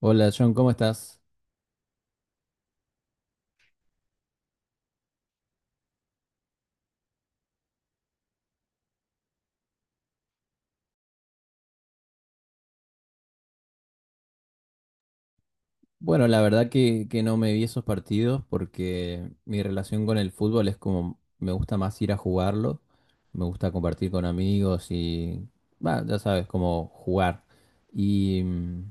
Hola John, ¿cómo estás? Bueno, la verdad que no me vi esos partidos porque mi relación con el fútbol es como me gusta más ir a jugarlo, me gusta compartir con amigos y, bah, ya sabes, como jugar. Y, mm,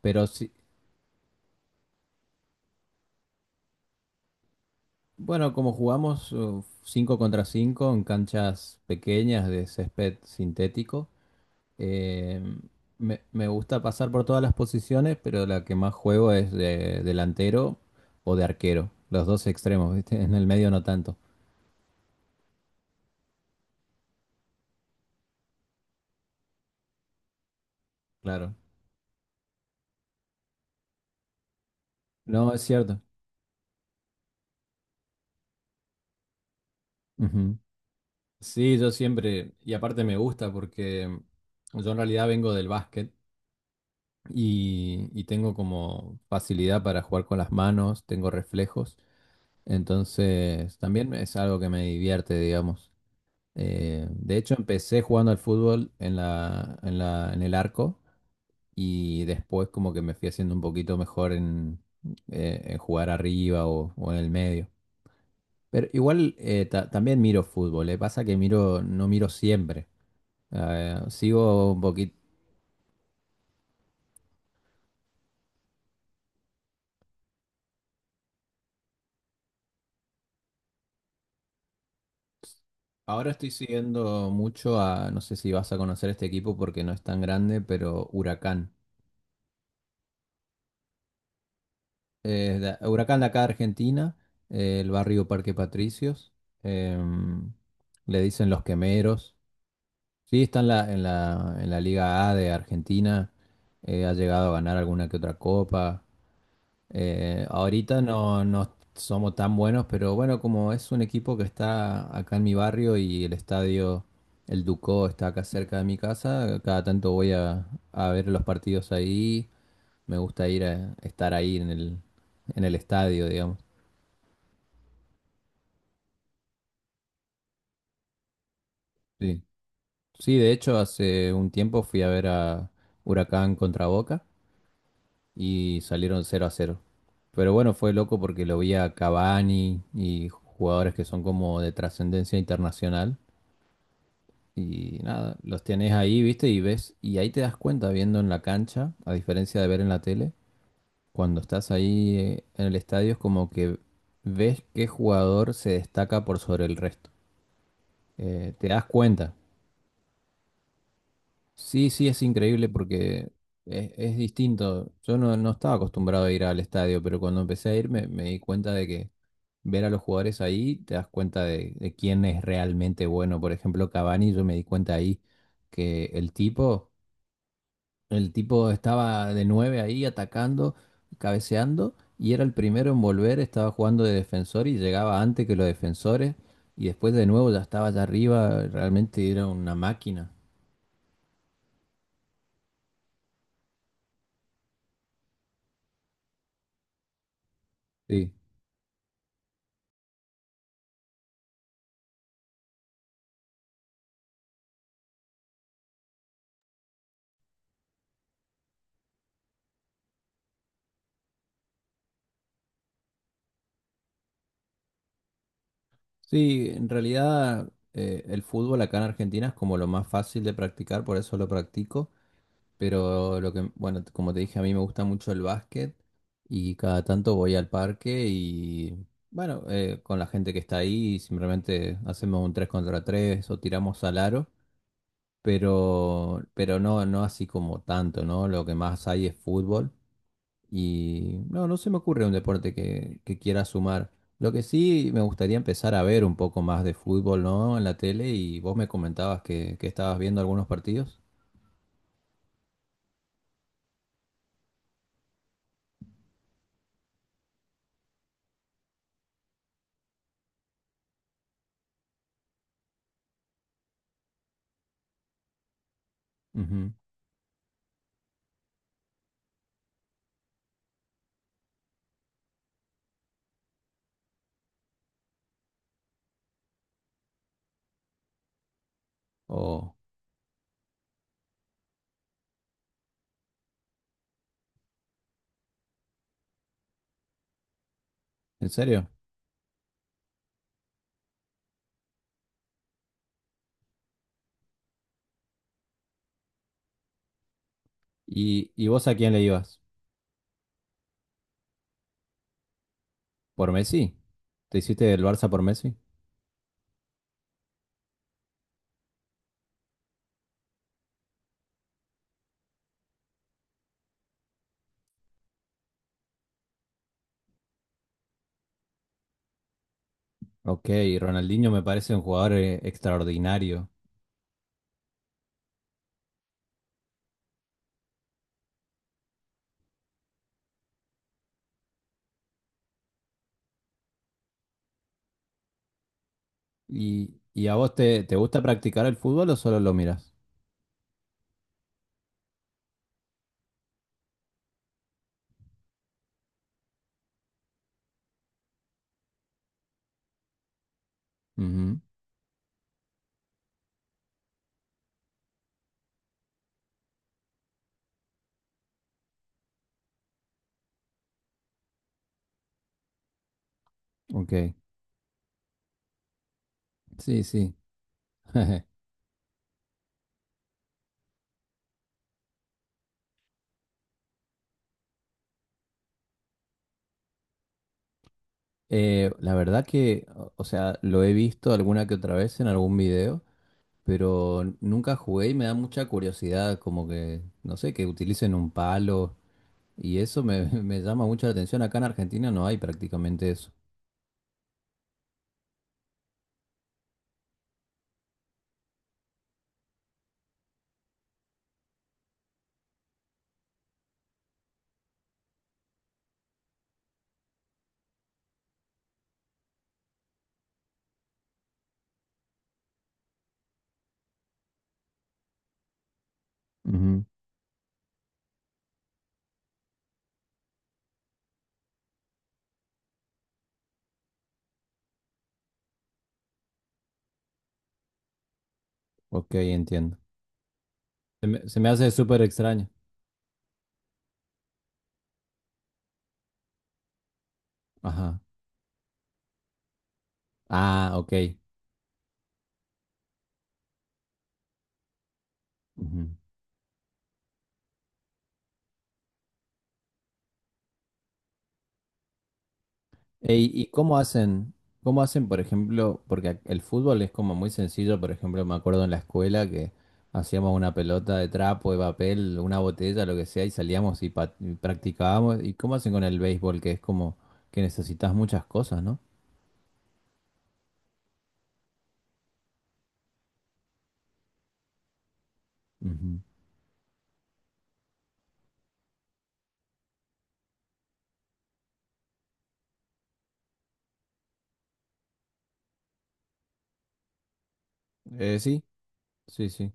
pero sí, bueno, como jugamos 5 contra 5 en canchas pequeñas de césped sintético. Eh, me gusta pasar por todas las posiciones, pero la que más juego es de delantero o de arquero. Los dos extremos, ¿viste? En el medio no tanto. Claro. No, es cierto. Ujú. Sí, yo siempre, y aparte me gusta porque yo en realidad vengo del básquet y tengo como facilidad para jugar con las manos, tengo reflejos, entonces también es algo que me divierte, digamos. De hecho, empecé jugando al fútbol en el arco y después como que me fui haciendo un poquito mejor en jugar arriba o en el medio. Pero igual también miro fútbol, le pasa que miro, no miro siempre. Sigo un poquito. Ahora estoy siguiendo mucho a, no sé si vas a conocer este equipo porque no es tan grande, pero Huracán. Huracán de acá, Argentina, el barrio Parque Patricios, em, le dicen los Quemeros. Sí, está en la Liga A de Argentina, ha llegado a ganar alguna que otra copa. Ahorita no, no somos tan buenos, pero bueno, como es un equipo que está acá en mi barrio y el estadio, el Ducó, está acá cerca de mi casa, cada tanto voy a ver los partidos ahí. Me gusta ir a estar ahí en el estadio, digamos. Sí, sí, de hecho hace un tiempo fui a ver a Huracán contra Boca y salieron cero a cero. Pero bueno, fue loco porque lo vi a Cavani y jugadores que son como de trascendencia internacional. Y nada, los tenés ahí, viste, y ves, y ahí te das cuenta viendo en la cancha, a diferencia de ver en la tele, cuando estás ahí en el estadio es como que ves qué jugador se destaca por sobre el resto. Te das cuenta. Sí, sí, es increíble porque es distinto. Yo no, no estaba acostumbrado a ir al estadio, pero cuando empecé a ir me di cuenta de que ver a los jugadores ahí, te das cuenta de quién es realmente bueno. Por ejemplo, Cavani, yo me di cuenta ahí que el tipo estaba de nueve ahí atacando, cabeceando, y era el primero en volver, estaba jugando de defensor y llegaba antes que los defensores, y después de nuevo ya estaba allá arriba, realmente era una máquina. Sí. Sí, en realidad el fútbol acá en Argentina es como lo más fácil de practicar, por eso lo practico. Pero lo que, bueno, como te dije, a mí me gusta mucho el básquet y cada tanto voy al parque y, bueno, con la gente que está ahí y simplemente hacemos un 3 contra 3 o tiramos al aro, pero no, no así como tanto, ¿no? Lo que más hay es fútbol. Y no, no se me ocurre un deporte que quiera sumar. Lo que sí, me gustaría empezar a ver un poco más de fútbol, ¿no? En la tele, y vos me comentabas que estabas viendo algunos partidos. Ujú. O, ¿en serio? Y vos a quién le ibas? ¿Por Messi? ¿Te hiciste del Barça por Messi? Ok, Ronaldinho me parece un jugador extraordinario. Y a vos te gusta practicar el fútbol o solo lo miras? Ujú. Ok, sí, sí. La verdad que, o sea, lo he visto alguna que otra vez en algún video, pero nunca jugué y me da mucha curiosidad, como que, no sé, que utilicen un palo y eso me, me llama mucho la atención. Acá en Argentina no hay prácticamente eso. Ujú. Ok, entiendo. Se me hace súper extraño. Ajá. Ah, ok. Ujú. Ey, ¿y cómo hacen? ¿Cómo hacen, por ejemplo? Porque el fútbol es como muy sencillo, por ejemplo, me acuerdo en la escuela que hacíamos una pelota de trapo, de papel, una botella, lo que sea, y salíamos y, y practicábamos. ¿Y cómo hacen con el béisbol? Que es como que necesitas muchas cosas, ¿no? Ujú. Sí, sí, sí.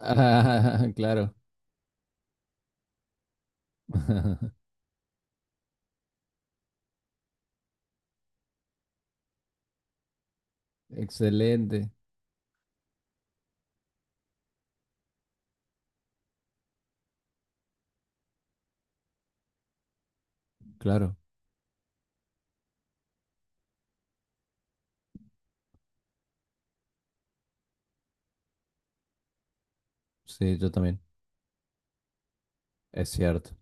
Ah, claro. Excelente. Claro, sí, yo también. Es cierto.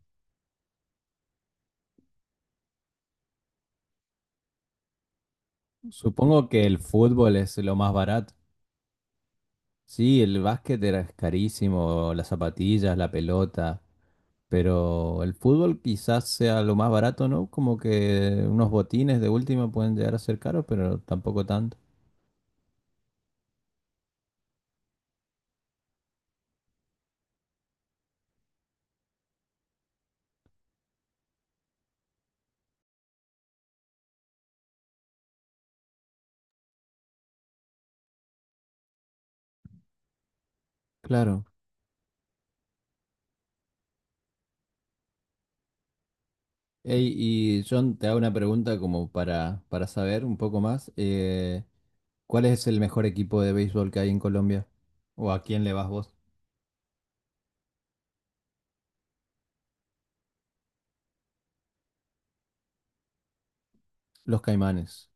Supongo que el fútbol es lo más barato. Sí, el básquet era carísimo, las zapatillas, la pelota, pero el fútbol quizás sea lo más barato, ¿no? Como que unos botines de última pueden llegar a ser caros, pero tampoco tanto. Claro. Ey, y John, te hago una pregunta como para saber un poco más. ¿Cuál es el mejor equipo de béisbol que hay en Colombia? ¿O a quién le vas vos? Los Caimanes.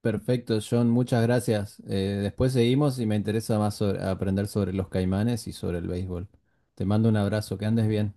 Perfecto, John, muchas gracias. Después seguimos y me interesa más aprender sobre los caimanes y sobre el béisbol. Te mando un abrazo, que andes bien.